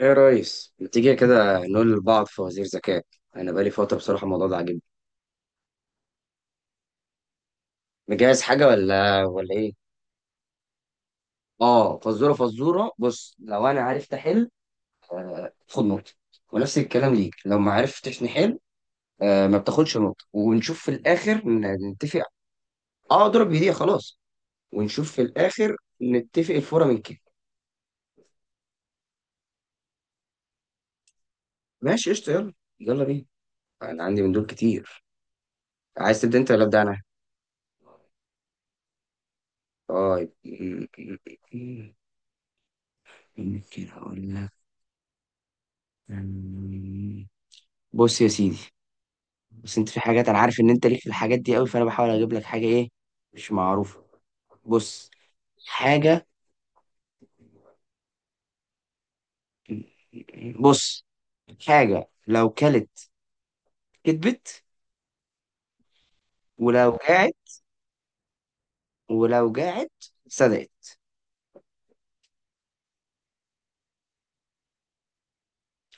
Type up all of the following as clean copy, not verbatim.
ايه يا ريس، ما تيجي كده نقول لبعض فوازير ذكاء؟ انا بقالي فتره، بصراحه الموضوع ده عاجبني. مجهز حاجه ولا ايه؟ اه، فزوره فزوره، بص. لو انا عرفت احل، خد نقطه. ونفس الكلام ليك، لو ما عرفتش نحل آه، ما بتاخدش نقطه. ونشوف في الاخر نتفق. اه، اضرب بايديا خلاص. ونشوف في الاخر. نتفق الفوره من كده. ماشي قشطه، يلا. يلا بينا. انا عندي من دول كتير. عايز تبدا انت ولا ابدا انا؟ طيب. ممكن اقول لك. بص يا سيدي، بس انت في حاجات انا عارف ان انت ليك في الحاجات دي قوي، فانا بحاول اجيب لك حاجه ايه، مش معروفه. بص. حاجه. بص. حاجه لو كلت كدبت، ولو جاعت. ولو جاعت صدقت.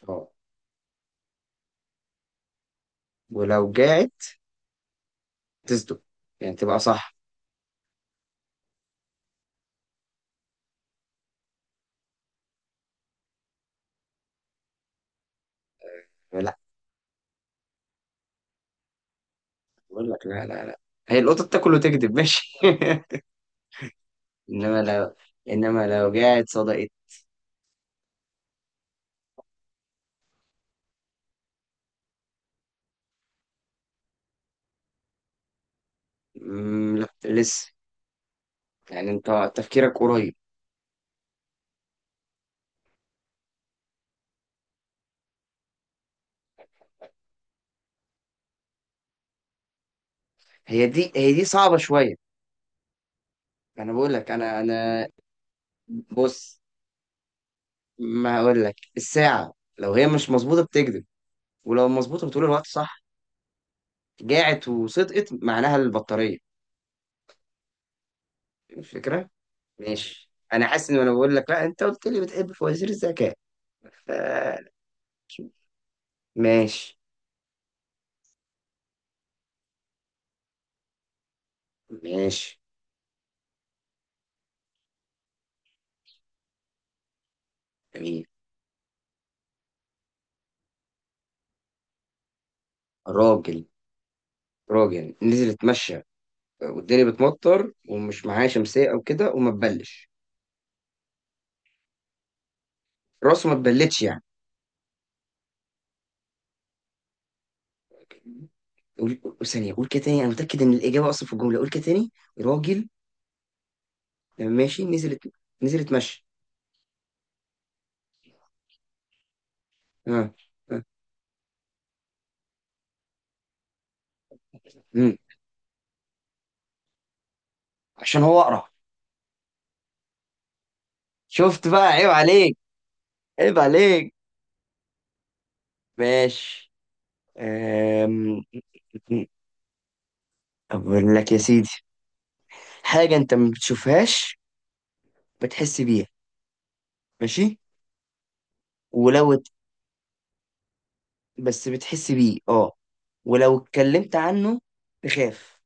اه. ولو جاعت تصدق، يعني تبقى صح. لا. بقول لك لا، لا، لا. هي القطه بتاكل وتكذب ماشي؟ انما لو، انما لو جاعت صدقت. مم، لا لسه. يعني انت تفكيرك قريب. هي دي صعبه شويه. انا بقول لك انا انا. بص. ما اقول لك الساعه، لو هي مش مظبوطه بتكذب، ولو مظبوطه بتقول الوقت صح. جاعت وصدقت، معناها البطاريه. الفكره. ماشي، انا حاسس ان انا بقول لك لا، انت قلت لي بتحب فوازير الذكاء. ف ماشي. ماشي. جميل. راجل. راجل نزل اتمشى، والدنيا بتمطر، ومش معاه شمسيه او كده، وما تبلش. راسه ما تبلتش يعني. ثانيه، قول كده تاني. انا متاكد ان الاجابه اصلا في الجمله. قول كده تاني. راجل. يعني ماشي نزلت. نزلت مشي. ها. ها. مم. عشان هو اقرع. شفت بقى، عيب عليك. عيب عليك. ماشي. أم... اقول لك يا سيدي، حاجة انت ما بتشوفهاش، بتحس بيها. ماشي. ولو ات- بس بتحس بيه، اه. ولو اتكلمت عنه تخاف.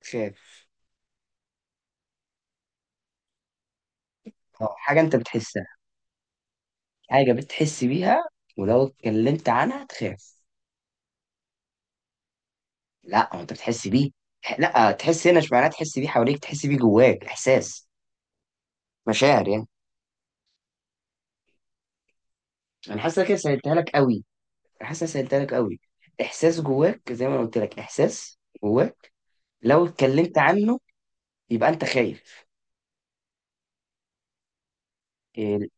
تخاف. اه، حاجة انت بتحسها. حاجة بتحس بيها. ولو اتكلمت عنها تخاف. لا، هو انت بتحس بيه. لا، تحس هنا مش معناه تحس بيه حواليك، تحس بيه جواك. احساس. مشاعر يعني. انا حاسس إن أنا كده سهلتها لك قوي. حاسس إن أنا سهلتها لك قوي. احساس جواك، زي ما انا قلت لك، احساس جواك. لو اتكلمت عنه يبقى انت خايف. ال-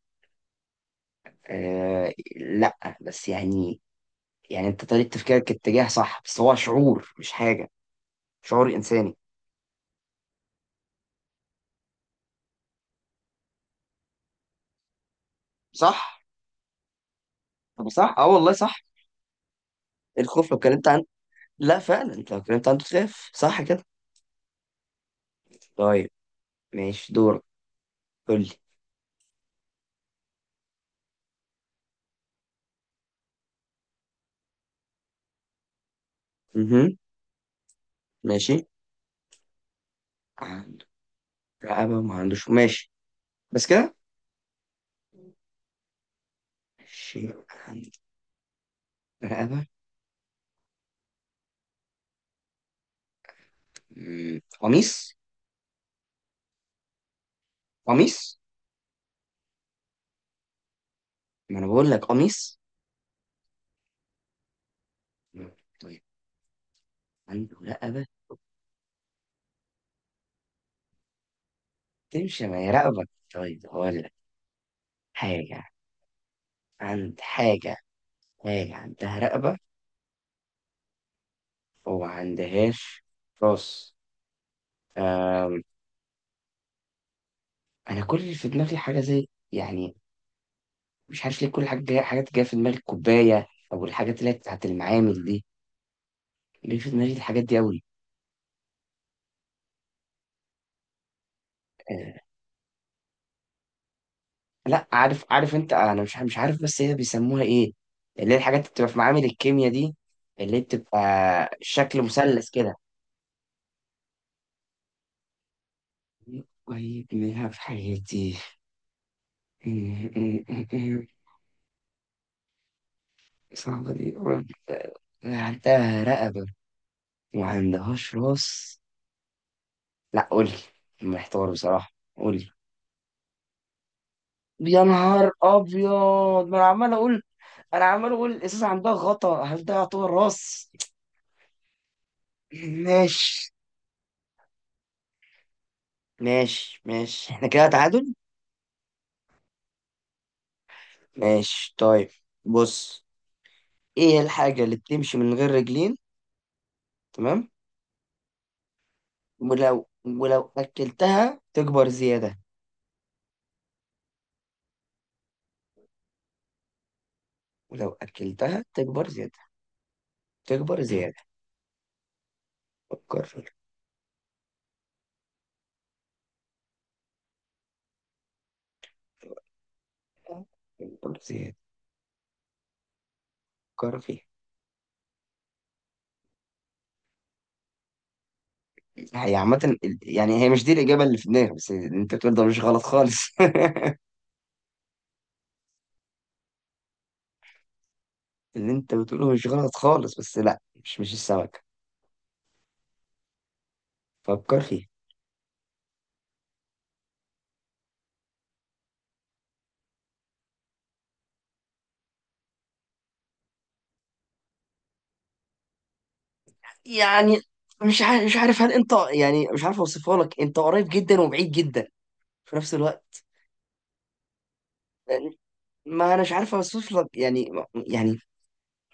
آه، لا بس يعني، يعني انت طريقة تفكيرك اتجاه صح، بس هو شعور، مش حاجة. شعور انساني. صح. طب صح، اه والله صح. الخوف لو اتكلمت عنه. لا، فعلا انت لو اتكلمت عنه تخاف، صح كده. طيب. ماشي دور. قول لي. مهم. ماشي. عنده رقبة ما عندوش، ماشي. بس كده. ماشي. عنده رقبة. مم. قميص. قميص، ما انا بقول لك قميص. مم. طيب. عنده رقبة. تمشي، ما هي رقبة. طيب، هقول لك. حاجة. عند حاجة. حاجة عندها رقبة، وما عندهاش راس. أم. أنا كل اللي في دماغي حاجة زي، يعني مش عارف ليه كل حاجة جاية، حاجات جاية في دماغي الكوباية، أو الحاجات اللي هي بتاعت المعامل دي. ليه في دماغي الحاجات دي أوي؟ آه، لا عارف، عارف انت، انا مش عارف، بس هي بيسموها ايه، اللي هي الحاجات اللي بتبقى في معامل الكيمياء دي، اللي بتبقى شكل مثلث كده. ويبنيها في حياتي. صعبة دي. عندها رقبة وما عندهاش راس. لا، قولي. محتار بصراحة. قولي. يا نهار ابيض، ما انا عمال اقول. انا عمال اقول الازازة عندها غطا، هل ده يعتبر راس؟ ماشي. ماشي ماشي، احنا كده تعادل. ماشي طيب. بص. ايه الحاجة اللي بتمشي من غير رجلين؟ تمام. ولو اكلتها تكبر زيادة. ولو اكلتها تكبر زيادة. تكبر زيادة. فكر فيها. تكبر زيادة. فكر فيها. هي عامة يعني، هي مش دي الإجابة اللي في دماغي، بس اللي أنت بتقوله ده مش غلط خالص. اللي أنت بتقوله مش غلط خالص، بس لأ، مش السمكة. فكر فيها. يعني مش عارف هل أنت، يعني مش عارف أوصفها لك. أنت قريب جدا وبعيد جدا في نفس الوقت. ما انا مش عارف اوصف لك يعني. يعني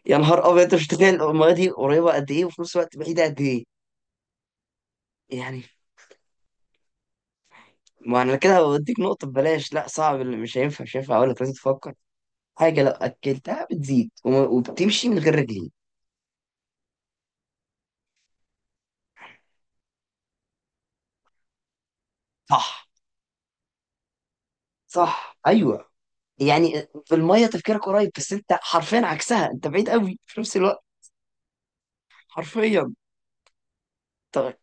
يا نهار ابيض، انت مش متخيل الميه دي قريبه قد ايه، وفي نفس الوقت بعيده قد ايه. يعني. ما انا كده بديك نقطه ببلاش. لا صعب، اللي مش هينفع اقول لك، لازم تفكر. حاجه لو اكلتها بتزيد، وبتمشي من غير رجلين. صح. صح ايوه. يعني في الميه تفكيرك قريب، بس انت حرفيا عكسها، انت بعيد قوي في نفس الوقت. حرفيا. طيب.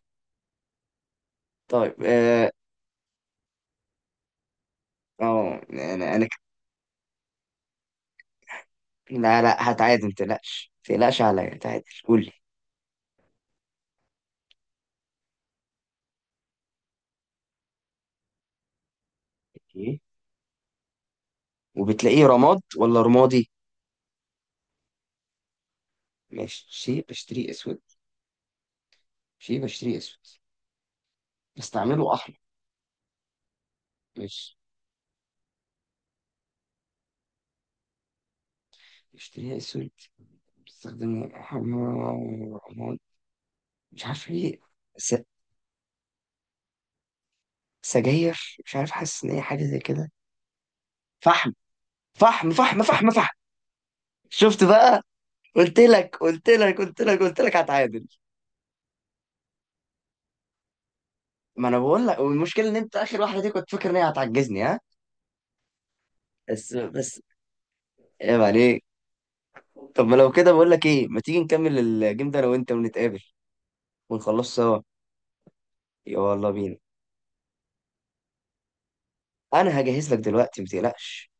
طيب اه. آه، انا انا. لا، لا، هتعادل. ما تقلقش ما تقلقش عليا، هتعادل. قول لي. وبتلاقيه رماد ولا رمادي؟ ماشي بشتريه اسود. شيء بشتريه اسود، بستعمله احمر. ماشي. بشتريه اسود، بستخدمه احمر، رماد. مش عارف ايه. س... سجاير. مش عارف. حاسس ان هي حاجه زي كده. فحم. فحم فحم فحم فحم. شفت بقى. قلت لك قلت لك قلت لك قلت لك، هتعادل. ما انا بقول لك، والمشكله ان انت اخر واحده دي كنت فاكر ان هي هتعجزني، ها. بس. عيب عليك. طب ما لو كده، بقول لك ايه، ما تيجي نكمل الجيم ده انا وانت، ونتقابل، ونخلص سوا. يلا بينا. انا هجهز لك دلوقتي، متقلقش.